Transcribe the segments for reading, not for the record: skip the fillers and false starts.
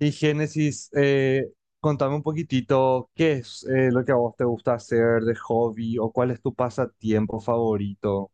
Y Génesis, contame un poquitito qué es lo que a vos te gusta hacer de hobby o cuál es tu pasatiempo favorito.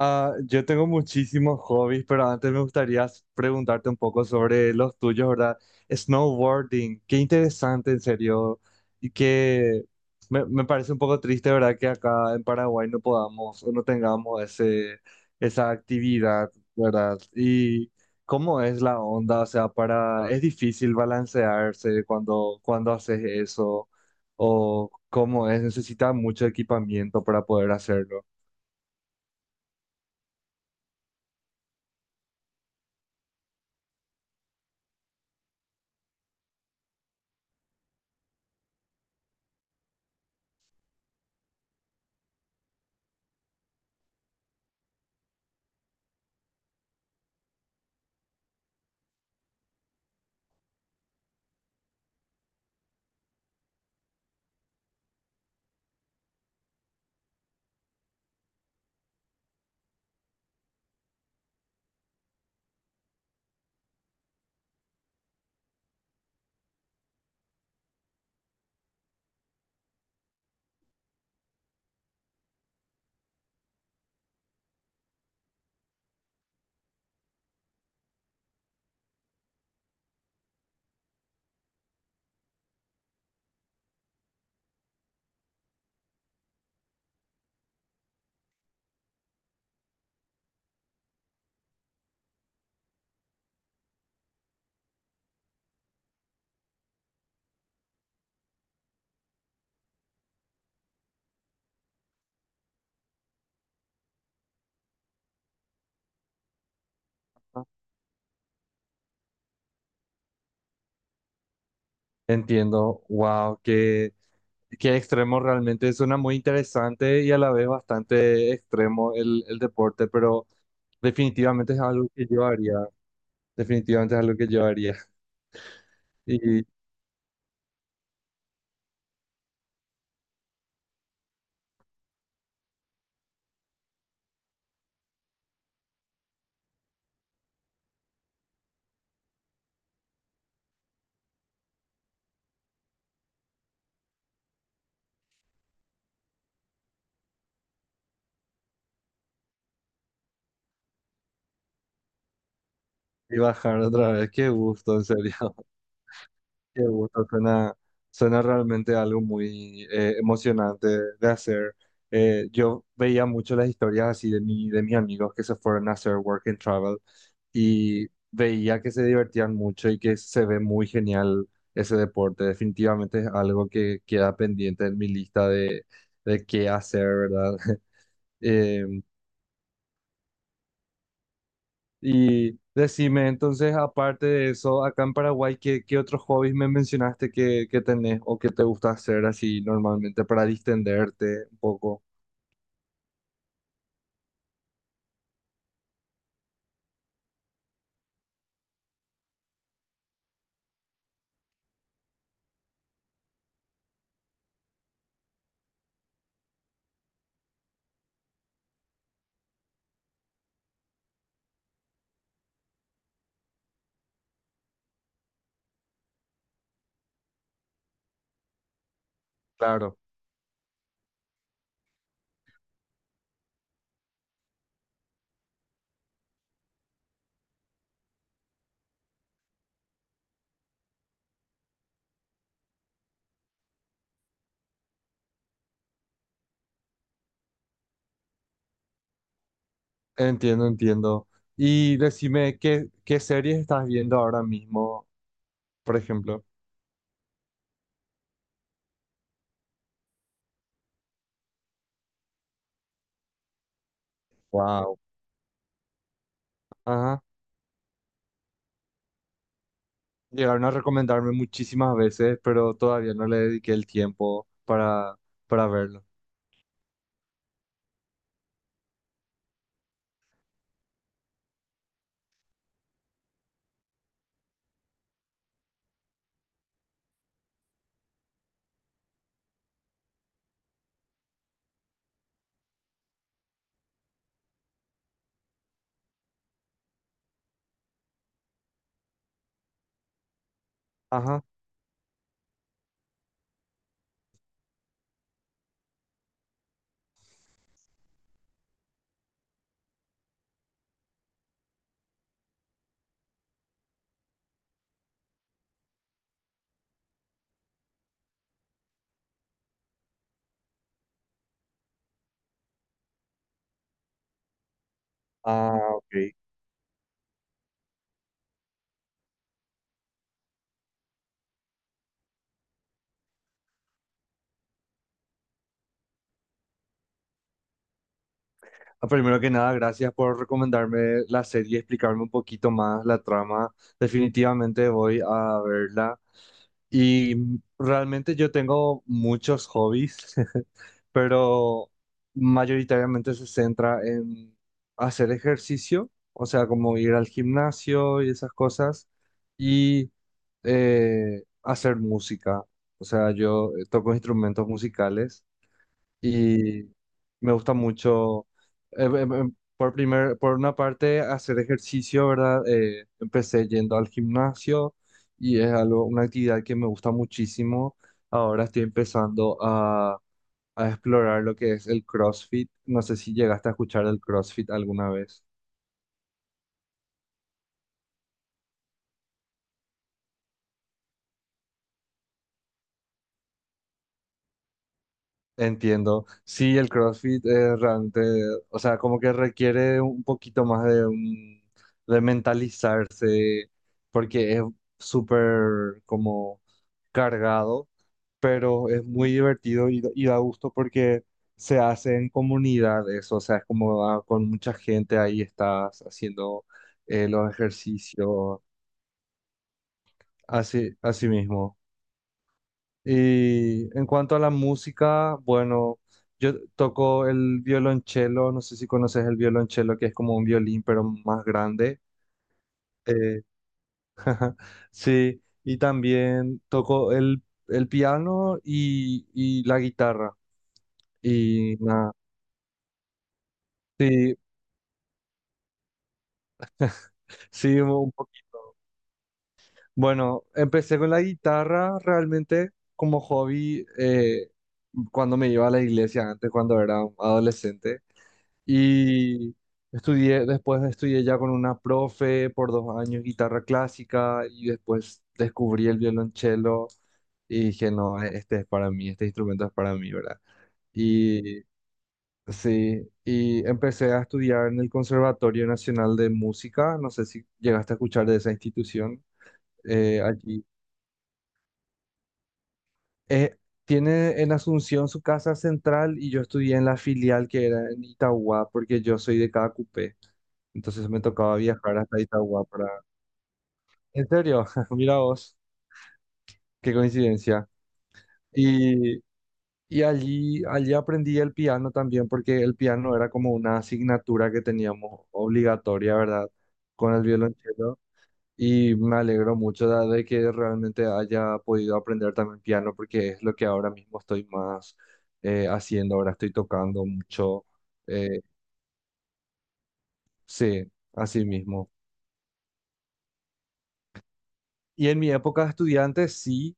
Ah, yo tengo muchísimos hobbies, pero antes me gustaría preguntarte un poco sobre los tuyos, ¿verdad? Snowboarding, qué interesante, en serio. Y que me parece un poco triste, ¿verdad? Que acá en Paraguay no podamos o no tengamos ese, esa actividad, ¿verdad? Y cómo es la onda, o sea, para, es difícil balancearse cuando, cuando haces eso, o cómo es, necesita mucho equipamiento para poder hacerlo. Entiendo, wow, qué, qué extremo realmente. Suena muy interesante y a la vez bastante extremo el deporte, pero definitivamente es algo que yo haría. Definitivamente es algo que yo haría. Y, y bajar otra vez, qué gusto, en serio. Qué gusto, suena, suena realmente algo muy emocionante de hacer. Yo veía mucho las historias así de mi, de mis amigos que se fueron a hacer work and travel y veía que se divertían mucho y que se ve muy genial ese deporte. Definitivamente es algo que queda pendiente en mi lista de qué hacer, ¿verdad? Em, Y decime, entonces, aparte de eso, acá en Paraguay, ¿qué, qué otros hobbies me mencionaste que tenés o que te gusta hacer así normalmente para distenderte un poco? Claro, entiendo, entiendo. Y decime, ¿qué, qué series estás viendo ahora mismo, por ejemplo? Wow. Ajá. Llegaron a recomendarme muchísimas veces, pero todavía no le dediqué el tiempo para verlo. Ajá. Ah, ok. Ah, pues, primero que nada, gracias por recomendarme la serie y explicarme un poquito más la trama. Definitivamente voy a verla. Y realmente yo tengo muchos hobbies, pero mayoritariamente se centra en hacer ejercicio, o sea, como ir al gimnasio y esas cosas, y hacer música. O sea, yo toco instrumentos musicales y me gusta mucho, por por una parte, hacer ejercicio, ¿verdad? Empecé yendo al gimnasio y es algo, una actividad que me gusta muchísimo. Ahora estoy empezando a explorar lo que es el CrossFit. No sé si llegaste a escuchar el CrossFit alguna vez. Entiendo. Sí, el CrossFit realmente, o sea, como que requiere un poquito más de, de mentalizarse, porque es súper como cargado, pero es muy divertido y da gusto porque se hace en comunidad eso, o sea, es como ah, con mucha gente ahí estás haciendo los ejercicios, así, así mismo. Y en cuanto a la música, bueno, yo toco el violonchelo, no sé si conoces el violonchelo, que es como un violín, pero más grande. Eh, sí, y también toco el piano y la guitarra. Y nada, sí, sí, bueno, empecé con la guitarra realmente como hobby cuando me iba a la iglesia antes, cuando era adolescente. Y estudié, después estudié ya con una profe por dos años guitarra clásica y después descubrí el violonchelo y dije, no, este es para mí, este instrumento es para mí, ¿verdad? Y sí, y empecé a estudiar en el Conservatorio Nacional de Música, no sé si llegaste a escuchar de esa institución allí. Eh, Tiene en Asunción su casa central y yo estudié en la filial que era en Itagua porque yo soy de Cada. Entonces me tocaba viajar hasta Itagua para... ¿En serio? Mira vos, qué coincidencia. Y, y allí, allí aprendí el piano también, porque el piano era como una asignatura que teníamos obligatoria, ¿verdad? Con el violonchelo. Y me alegro mucho de que realmente haya podido aprender también piano, porque es lo que ahora mismo estoy más haciendo. Ahora estoy tocando mucho. eh, sí, así mismo. Y en mi época de estudiante, sí.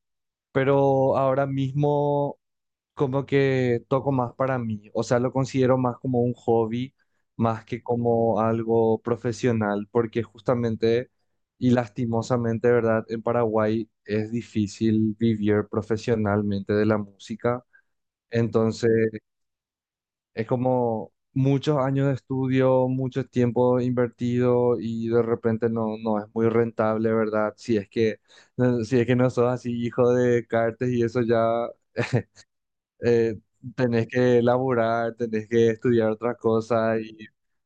Pero ahora mismo como que toco más para mí, o sea, lo considero más como un hobby, más que como algo profesional, porque justamente y lastimosamente, ¿verdad? En Paraguay es difícil vivir profesionalmente de la música, entonces es como muchos años de estudio, mucho tiempo invertido y de repente no, no es muy rentable, ¿verdad? Si es que... No, si es que no sos así hijo de Cartes y eso ya eh, tenés que laburar, tenés que estudiar otra cosa y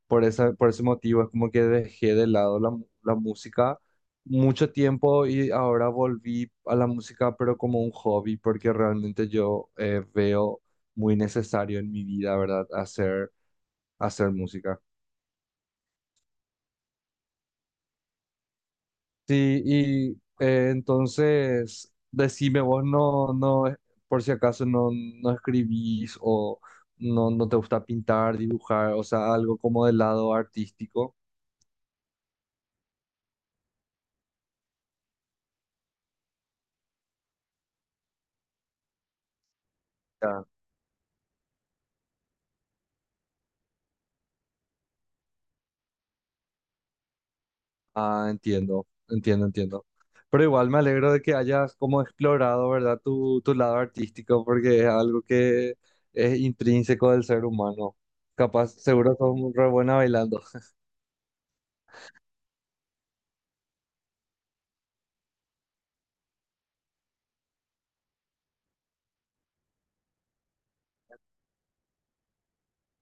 por esa, por ese motivo es como que dejé de lado la, la música mucho tiempo y ahora volví a la música pero como un hobby porque realmente yo veo muy necesario en mi vida, ¿verdad? Hacer, hacer música. Sí, y entonces decime vos no, no, por si acaso no, no escribís o no, no te gusta pintar, dibujar, o sea, algo como del lado artístico. Ya. Ah, entiendo, entiendo, entiendo. Pero igual me alegro de que hayas como explorado, ¿verdad? Tu lado artístico, porque es algo que es intrínseco del ser humano. Capaz, seguro sos muy re buena bailando.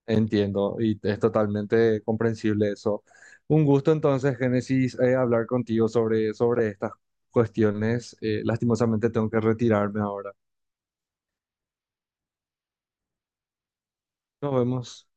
Entiendo y es totalmente comprensible eso. Un gusto entonces, Génesis, hablar contigo sobre, sobre estas cuestiones. Lastimosamente tengo que retirarme ahora. Nos vemos.